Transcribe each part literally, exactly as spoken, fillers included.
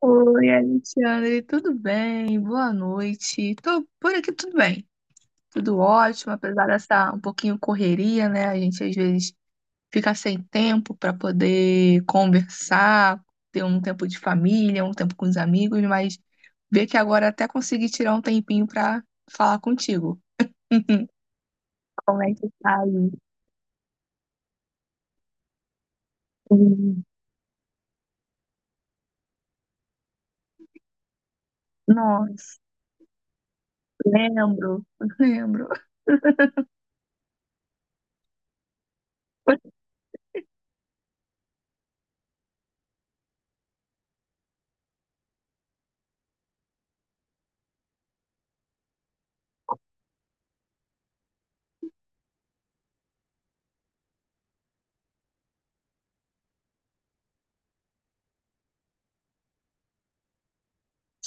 Oi, Alexandre, tudo bem? Boa noite. Tô por aqui tudo bem, tudo ótimo, apesar dessa um pouquinho correria, né? A gente às vezes fica sem tempo para poder conversar, ter um tempo de família, um tempo com os amigos, mas ver que agora até consegui tirar um tempinho para falar contigo. Como é que tá aí? Hum. Nossa, lembro, lembro.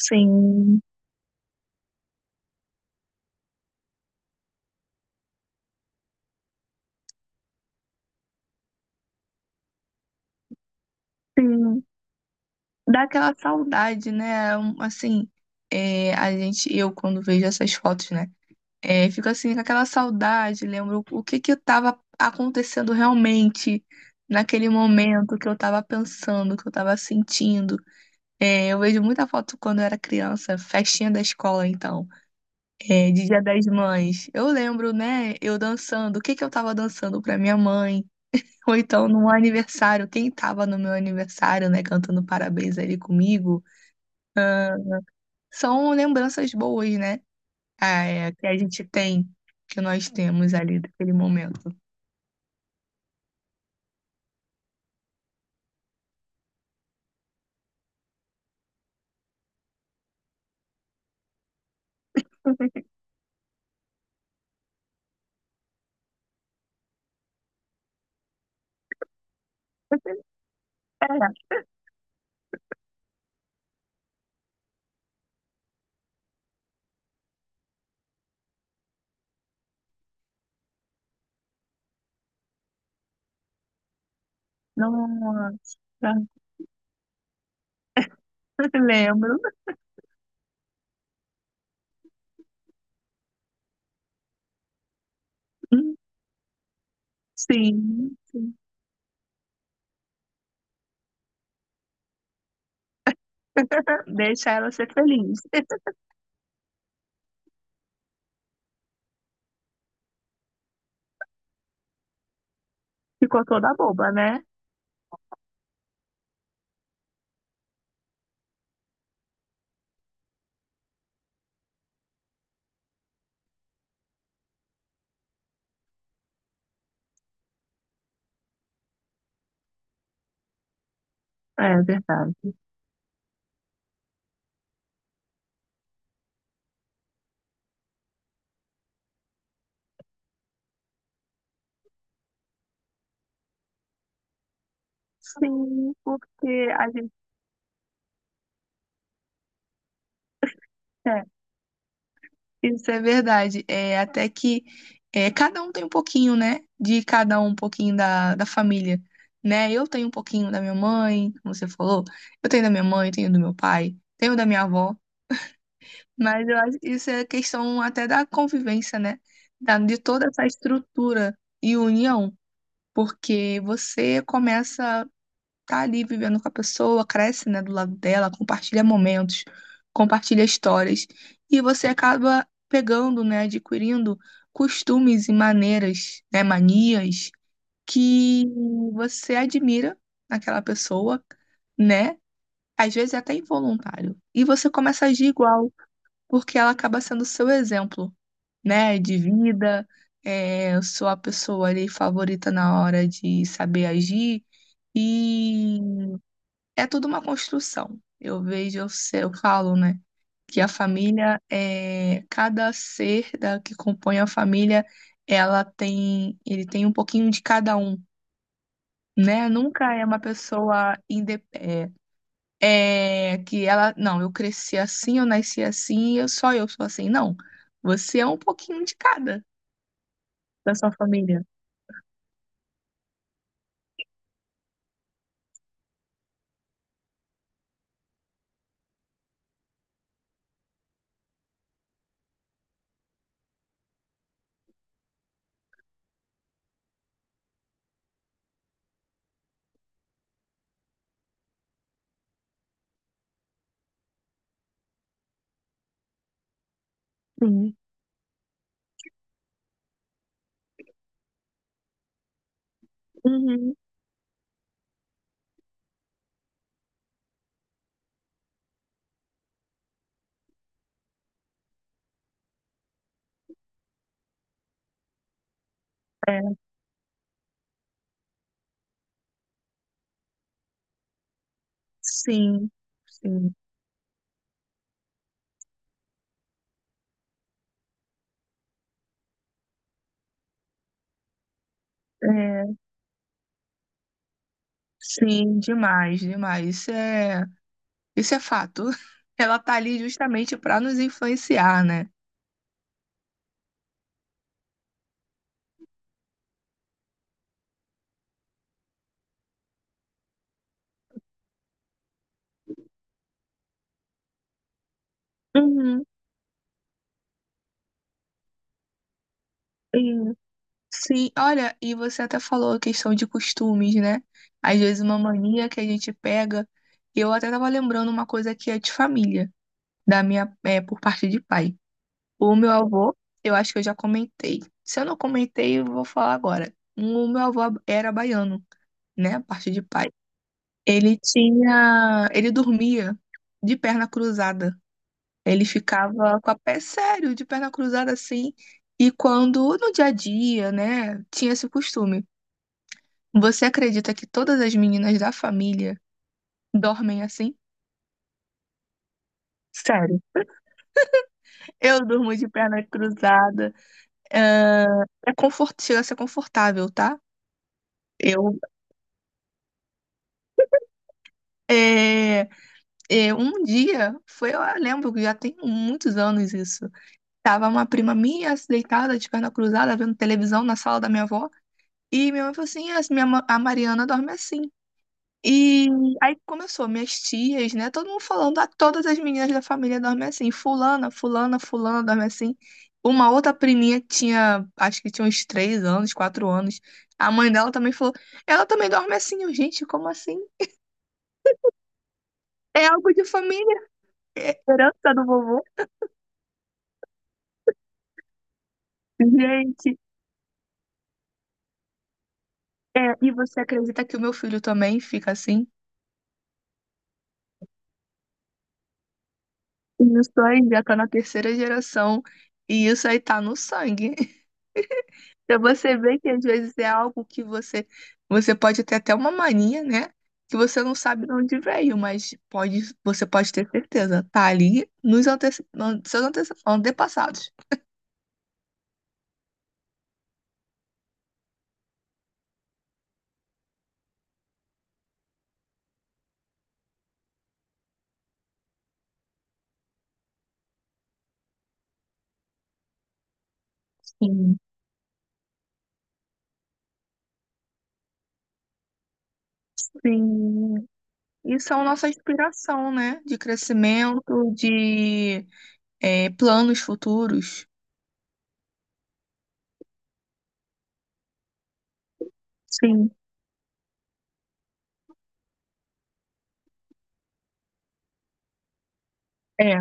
Sim, sim. Dá aquela saudade, né? É, um, assim, é, a gente, eu quando vejo essas fotos, né? É, fico assim com aquela saudade, lembro o que que estava acontecendo realmente naquele momento que eu estava pensando, que eu estava sentindo. É, eu vejo muita foto quando eu era criança, festinha da escola, então, é, de Dia das Mães. Eu lembro, né? Eu dançando, o que que eu estava dançando para minha mãe. Ou então, no aniversário, quem estava no meu aniversário, né, cantando parabéns ali comigo. São lembranças boas, né? Ah, é, que a gente tem, que nós temos ali daquele momento. É, nossa, lembro. Hum. Sim, sim. Deixa ela ser feliz. Ficou toda boba, né? É verdade. Sim, porque a gente. É, isso é verdade. É, até que é, cada um tem um pouquinho, né? De cada um, um pouquinho da, da família, né? Eu tenho um pouquinho da minha mãe, como você falou. Eu tenho da minha mãe, tenho do meu pai, tenho da minha avó. Mas eu acho que isso é questão até da convivência, né? Da, de toda essa estrutura e união. Porque você começa tá ali vivendo com a pessoa, cresce, né, do lado dela, compartilha momentos, compartilha histórias, e você acaba pegando, né, adquirindo costumes e maneiras, né, manias que você admira naquela pessoa, né? Às vezes é até involuntário. E você começa a agir igual, porque ela acaba sendo o seu exemplo, né, de vida. É, eu sou a pessoa ali favorita na hora de saber agir e é tudo uma construção. Eu vejo, eu, se- eu falo, né, que a família é cada ser da que compõe a família, ela tem, ele tem um pouquinho de cada um, né? Nunca é uma pessoa inde, é, é, que ela, não, eu cresci assim, eu nasci assim, eu só eu sou assim. Não, você é um pouquinho de cada da sua família. Sim. Uhum. É, sim, sim. É, sim, demais, demais. Isso é Isso é fato. Ela tá ali justamente para nos influenciar, né? Uhum, uhum. Sim, olha, e você até falou a questão de costumes, né? Às vezes uma mania que a gente pega. Eu até tava lembrando uma coisa que é de família, da minha, é, por parte de pai. O meu avô, eu acho que eu já comentei. Se eu não comentei, eu vou falar agora. O meu avô era baiano, né? Parte de pai. Ele tinha, ele dormia de perna cruzada. Ele ficava com a pé sério, de perna cruzada assim. E quando no dia a dia, né, tinha esse costume. Você acredita que todas as meninas da família dormem assim? Sério. Eu durmo de perna cruzada. É, é confort... Chega a ser confortável, tá? Eu, é, é, um dia, foi, eu lembro que já tem muitos anos isso. Tava uma prima minha deitada de perna cruzada, vendo televisão na sala da minha avó. E minha mãe falou assim: "Ah, minha ma- a Mariana dorme assim." E aí começou, minhas tias, né? Todo mundo falando, ah, todas as meninas da família dormem assim. Fulana, fulana, fulana dorme assim. Uma outra priminha que tinha, acho que tinha uns três anos, quatro anos. A mãe dela também falou, ela também dorme assim. Eu, gente, como assim? É algo de família, é herança do vovô. Gente, é, e você acredita que o meu filho também fica assim? E isso aí já tá na terceira geração. E isso aí tá no sangue. Pra você ver que às vezes é algo que você você pode ter até uma mania, né? Que você não sabe de onde veio, mas pode, você pode ter certeza, tá ali nos antece- an- seus antece- antepassados. Sim. Sim. E são nossa inspiração, né? De crescimento, de é, planos futuros. Sim. É,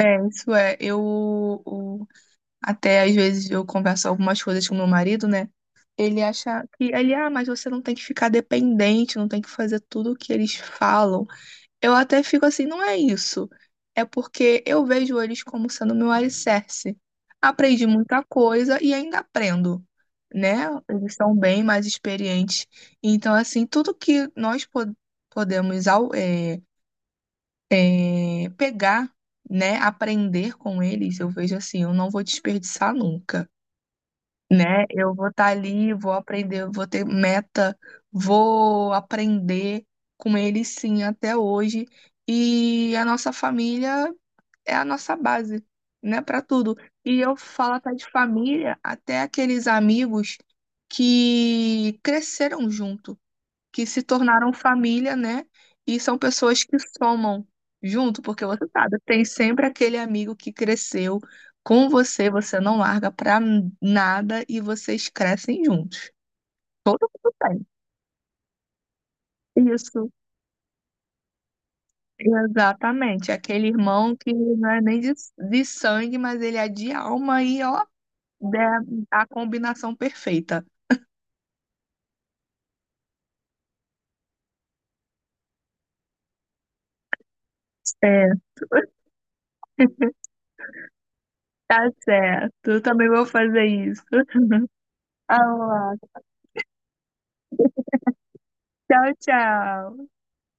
é, isso é. Eu, Até às vezes eu converso algumas coisas com meu marido, né? Ele acha que ele, ah, mas você não tem que ficar dependente, não tem que fazer tudo o que eles falam. Eu até fico assim, não é isso. É porque eu vejo eles como sendo meu alicerce. Aprendi muita coisa e ainda aprendo, né? Eles são bem mais experientes. Então, assim, tudo que nós po- podemos ao- é, é, pegar, né? Aprender com eles, eu vejo assim, eu não vou desperdiçar nunca, né? Eu vou estar ali, vou aprender, eu vou ter meta, vou aprender com ele sim até hoje. E a nossa família é a nossa base, né, para tudo. E eu falo até de família, até aqueles amigos que cresceram junto que se tornaram família, né? E são pessoas que somam junto, porque você sabe, tem sempre aquele amigo que cresceu com você, você não larga pra nada e vocês crescem juntos. Todo mundo tem. Isso, exatamente. Aquele irmão que não é nem de, de sangue, mas ele é de alma e ó, é a combinação perfeita. É. Tá certo. Eu também vou fazer isso. Ah, lá. Tchau, tchau.